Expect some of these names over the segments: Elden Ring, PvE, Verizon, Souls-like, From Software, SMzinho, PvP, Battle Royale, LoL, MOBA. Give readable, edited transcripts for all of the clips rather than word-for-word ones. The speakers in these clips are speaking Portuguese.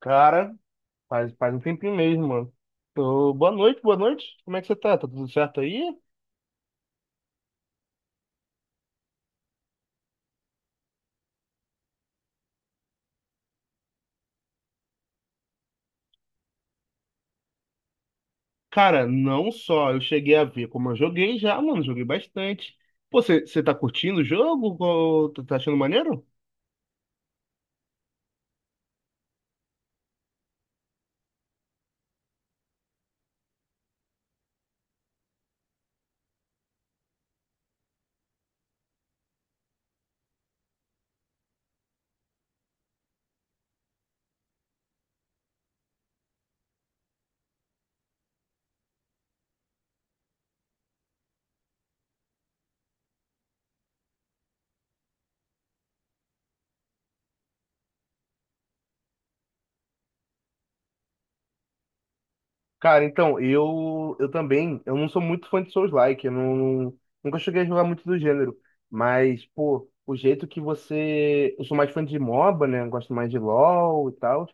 Cara, faz um tempinho mesmo, mano. Ô, boa noite, boa noite. Como é que você tá? Tá tudo certo aí? Cara, não só eu cheguei a ver como eu joguei já, mano. Joguei bastante. Pô, você tá curtindo o jogo? Ô, tá achando maneiro? Cara, então, eu também, eu não sou muito fã de Souls-like, eu não, nunca cheguei a jogar muito do gênero, mas, pô, o jeito que você, eu sou mais fã de MOBA, né, gosto mais de LoL e tal.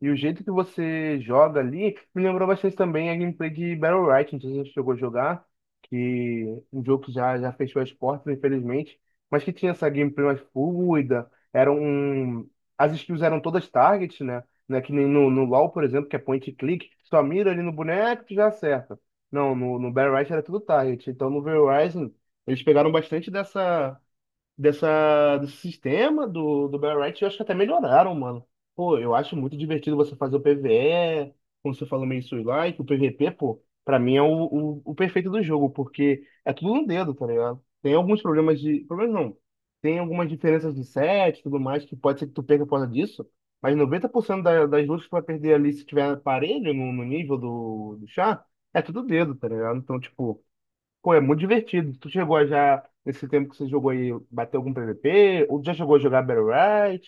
E o jeito que você joga ali me lembrou bastante também a gameplay de Battle Royale, não sei se você chegou a jogar, que um jogo que já fechou as portas, infelizmente, mas que tinha essa gameplay mais fluida, era um as skills eram todas target, né? Que nem no LoL, por exemplo, que é point and click, só mira ali no boneco e já acerta. Não, no Battle Royale era tudo target, então no Verizon eles pegaram bastante dessa desse sistema do Battle Riot, eu acho que até melhoraram, mano. Pô, eu acho muito divertido você fazer o PvE, como você falou, meio roguelike, o PvP, pô, pra mim é o perfeito do jogo, porque é tudo no dedo, tá ligado? Tem alguns problemas de. Problemas não. Tem algumas diferenças de set e tudo mais, que pode ser que tu perca por causa disso, mas 90% das lutas que tu vai perder ali, se tiver aparelho no nível do chá, é tudo dedo, tá ligado? Então, tipo. Pô, é muito divertido. Tu chegou a já, nesse tempo que você jogou aí, bater algum PVP? Ou já chegou a jogar Battle Royale?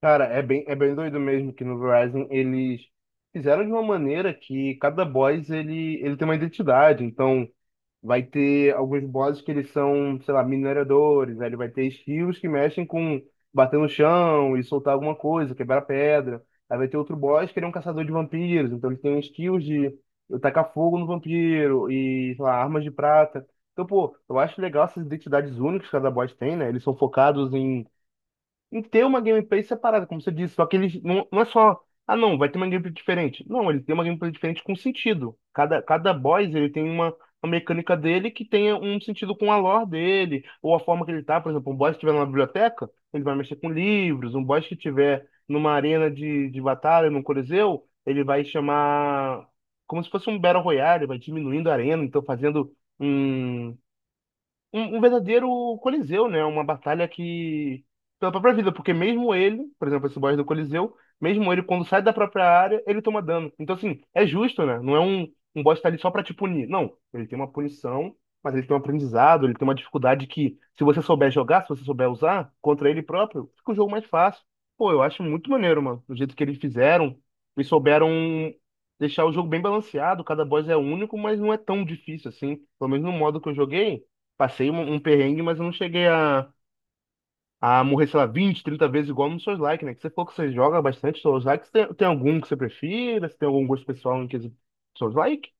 Cara, é bem doido mesmo que no Verizon eles fizeram de uma maneira que cada boss ele tem uma identidade. Então, vai ter alguns bosses que eles são, sei lá, mineradores, aí ele vai ter estilos que mexem com bater no chão e soltar alguma coisa, quebrar pedra. Aí vai ter outro boss que ele é um caçador de vampiros, então ele tem skills de tacar fogo no vampiro e, sei lá, armas de prata. Então, pô, eu acho legal essas identidades únicas que cada boss tem, né? Eles são focados em em ter uma gameplay separada, como você disse. Só que eles não, não é só, ah não, vai ter uma gameplay diferente. Não, ele tem uma gameplay diferente com sentido. Cada boss ele tem uma mecânica dele que tenha um sentido com a lore dele, ou a forma que ele tá. Por exemplo, um boss que estiver numa biblioteca, ele vai mexer com livros. Um boss que estiver numa arena de batalha, num coliseu, ele vai chamar como se fosse um Battle Royale, vai diminuindo a arena, então fazendo um um verdadeiro Coliseu, né? Uma batalha que pela própria vida, porque mesmo ele, por exemplo, esse boss do Coliseu, mesmo ele, quando sai da própria área, ele toma dano. Então, assim, é justo, né? Não é um, um boss que tá ali só pra te punir. Não, ele tem uma punição, mas ele tem um aprendizado, ele tem uma dificuldade que, se você souber jogar, se você souber usar contra ele próprio, fica o jogo mais fácil. Pô, eu acho muito maneiro, mano. Do jeito que eles fizeram, e souberam deixar o jogo bem balanceado, cada boss é único, mas não é tão difícil assim. Pelo menos no modo que eu joguei. Passei um perrengue, mas eu não cheguei a morrer, sei lá, 20, 30 vezes igual no Souls Like, né? Que você falou que você joga bastante Souls Like. Você tem algum que você prefira? Você tem algum gosto pessoal em quesito Souls Like?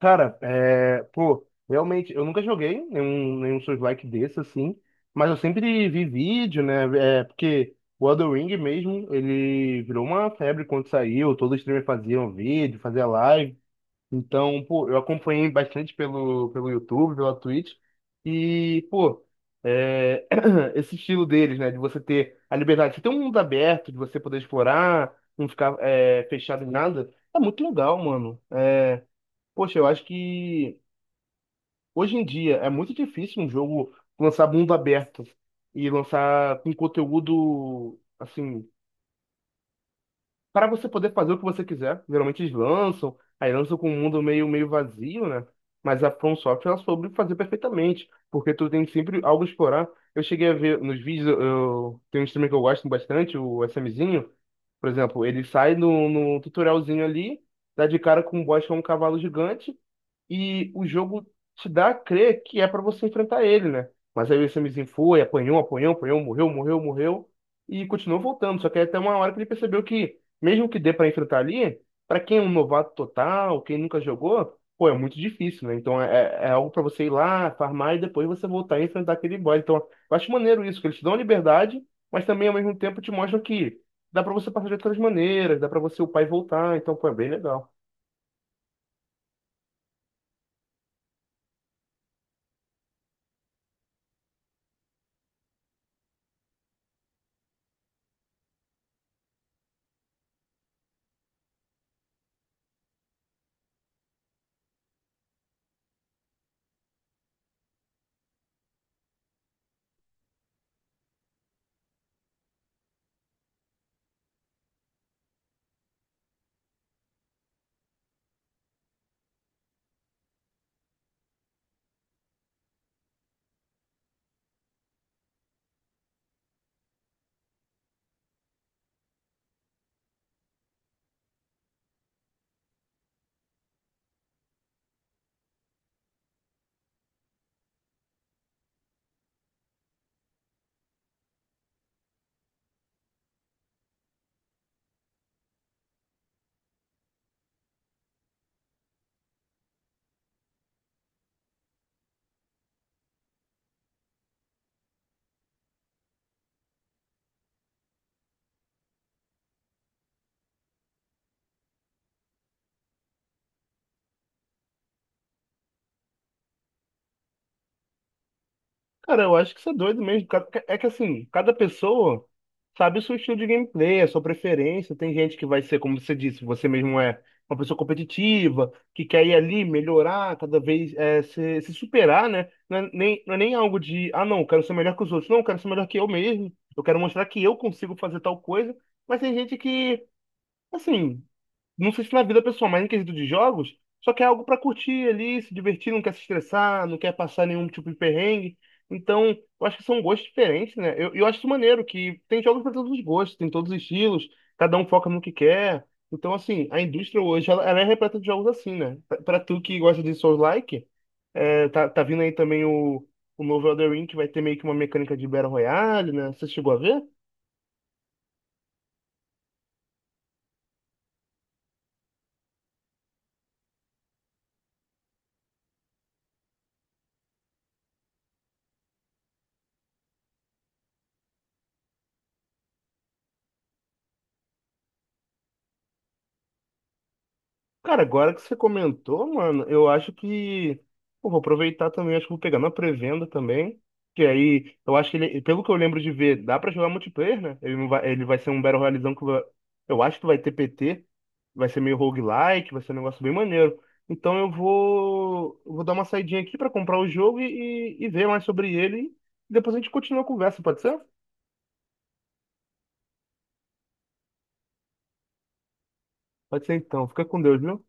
Cara, é, pô, realmente, eu nunca joguei nenhum Souls-like desse, assim, mas eu sempre vi vídeo, né, é, porque o Elden Ring mesmo, ele virou uma febre quando saiu, todo streamer fazia um vídeo, fazia live. Então, pô, eu acompanhei bastante pelo YouTube, pela Twitch. E, pô, é, esse estilo deles, né? De você ter a liberdade, você ter um mundo aberto, de você poder explorar, não ficar é, fechado em nada, é muito legal, mano. É, poxa, eu acho que hoje em dia é muito difícil um jogo lançar mundo aberto e lançar com conteúdo, assim, para você poder fazer o que você quiser. Geralmente eles lançam, aí lançam com um mundo meio vazio, né? Mas a From Software ela soube fazer perfeitamente, porque tu tem sempre algo a explorar. Eu cheguei a ver nos vídeos, eu, tem um streamer que eu gosto bastante, o SMzinho, por exemplo, ele sai no tutorialzinho ali, dá de cara com um boss que é um cavalo gigante, e o jogo te dá a crer que é pra você enfrentar ele, né? Mas aí o Samizinho foi, apanhou, morreu e continuou voltando. Só que aí até uma hora que ele percebeu que, mesmo que dê pra enfrentar ali, pra quem é um novato total, quem nunca jogou, pô, é muito difícil, né? Então é algo pra você ir lá, farmar e depois você voltar e enfrentar aquele boss. Então eu acho maneiro isso, que eles te dão a liberdade, mas também ao mesmo tempo te mostram que dá pra você passar de outras maneiras, dá pra você upar e voltar. Então, pô, é bem legal. Cara, eu acho que isso é doido mesmo. É que assim, cada pessoa sabe o seu estilo de gameplay, a sua preferência. Tem gente que vai ser, como você disse, você mesmo é uma pessoa competitiva, que quer ir ali, melhorar, cada vez é, se superar, né? Não é, nem, não é nem algo de, ah, não, eu quero ser melhor que os outros. Não, eu quero ser melhor que eu mesmo. Eu quero mostrar que eu consigo fazer tal coisa. Mas tem gente que, assim, não sei se na vida pessoal, mas em quesito de jogos, só quer algo pra curtir ali, se divertir, não quer se estressar, não quer passar nenhum tipo de perrengue. Então, eu acho que são gostos diferentes, né? Eu acho isso maneiro, que tem jogos pra todos os gostos, tem todos os estilos, cada um foca no que quer. Então, assim, a indústria hoje, ela é repleta de jogos assim, né? Pra tu que gosta de Souls-like, é, tá vindo aí também o novo Elden Ring, que vai ter meio que uma mecânica de Battle Royale, né? Você chegou a ver? Cara, agora que você comentou, mano, eu acho que pô, vou aproveitar também, acho que vou pegar na pré-venda também. Que aí, eu acho que ele, pelo que eu lembro de ver, dá pra jogar multiplayer, né? Ele não vai, ele vai ser um Battle Royalezão que vai- eu acho que vai ter PT, vai ser meio roguelike, vai ser um negócio bem maneiro. Então eu vou dar uma saidinha aqui pra comprar o jogo e ver mais sobre ele. E depois a gente continua a conversa, pode ser? Pode ser então. Fica com Deus, viu?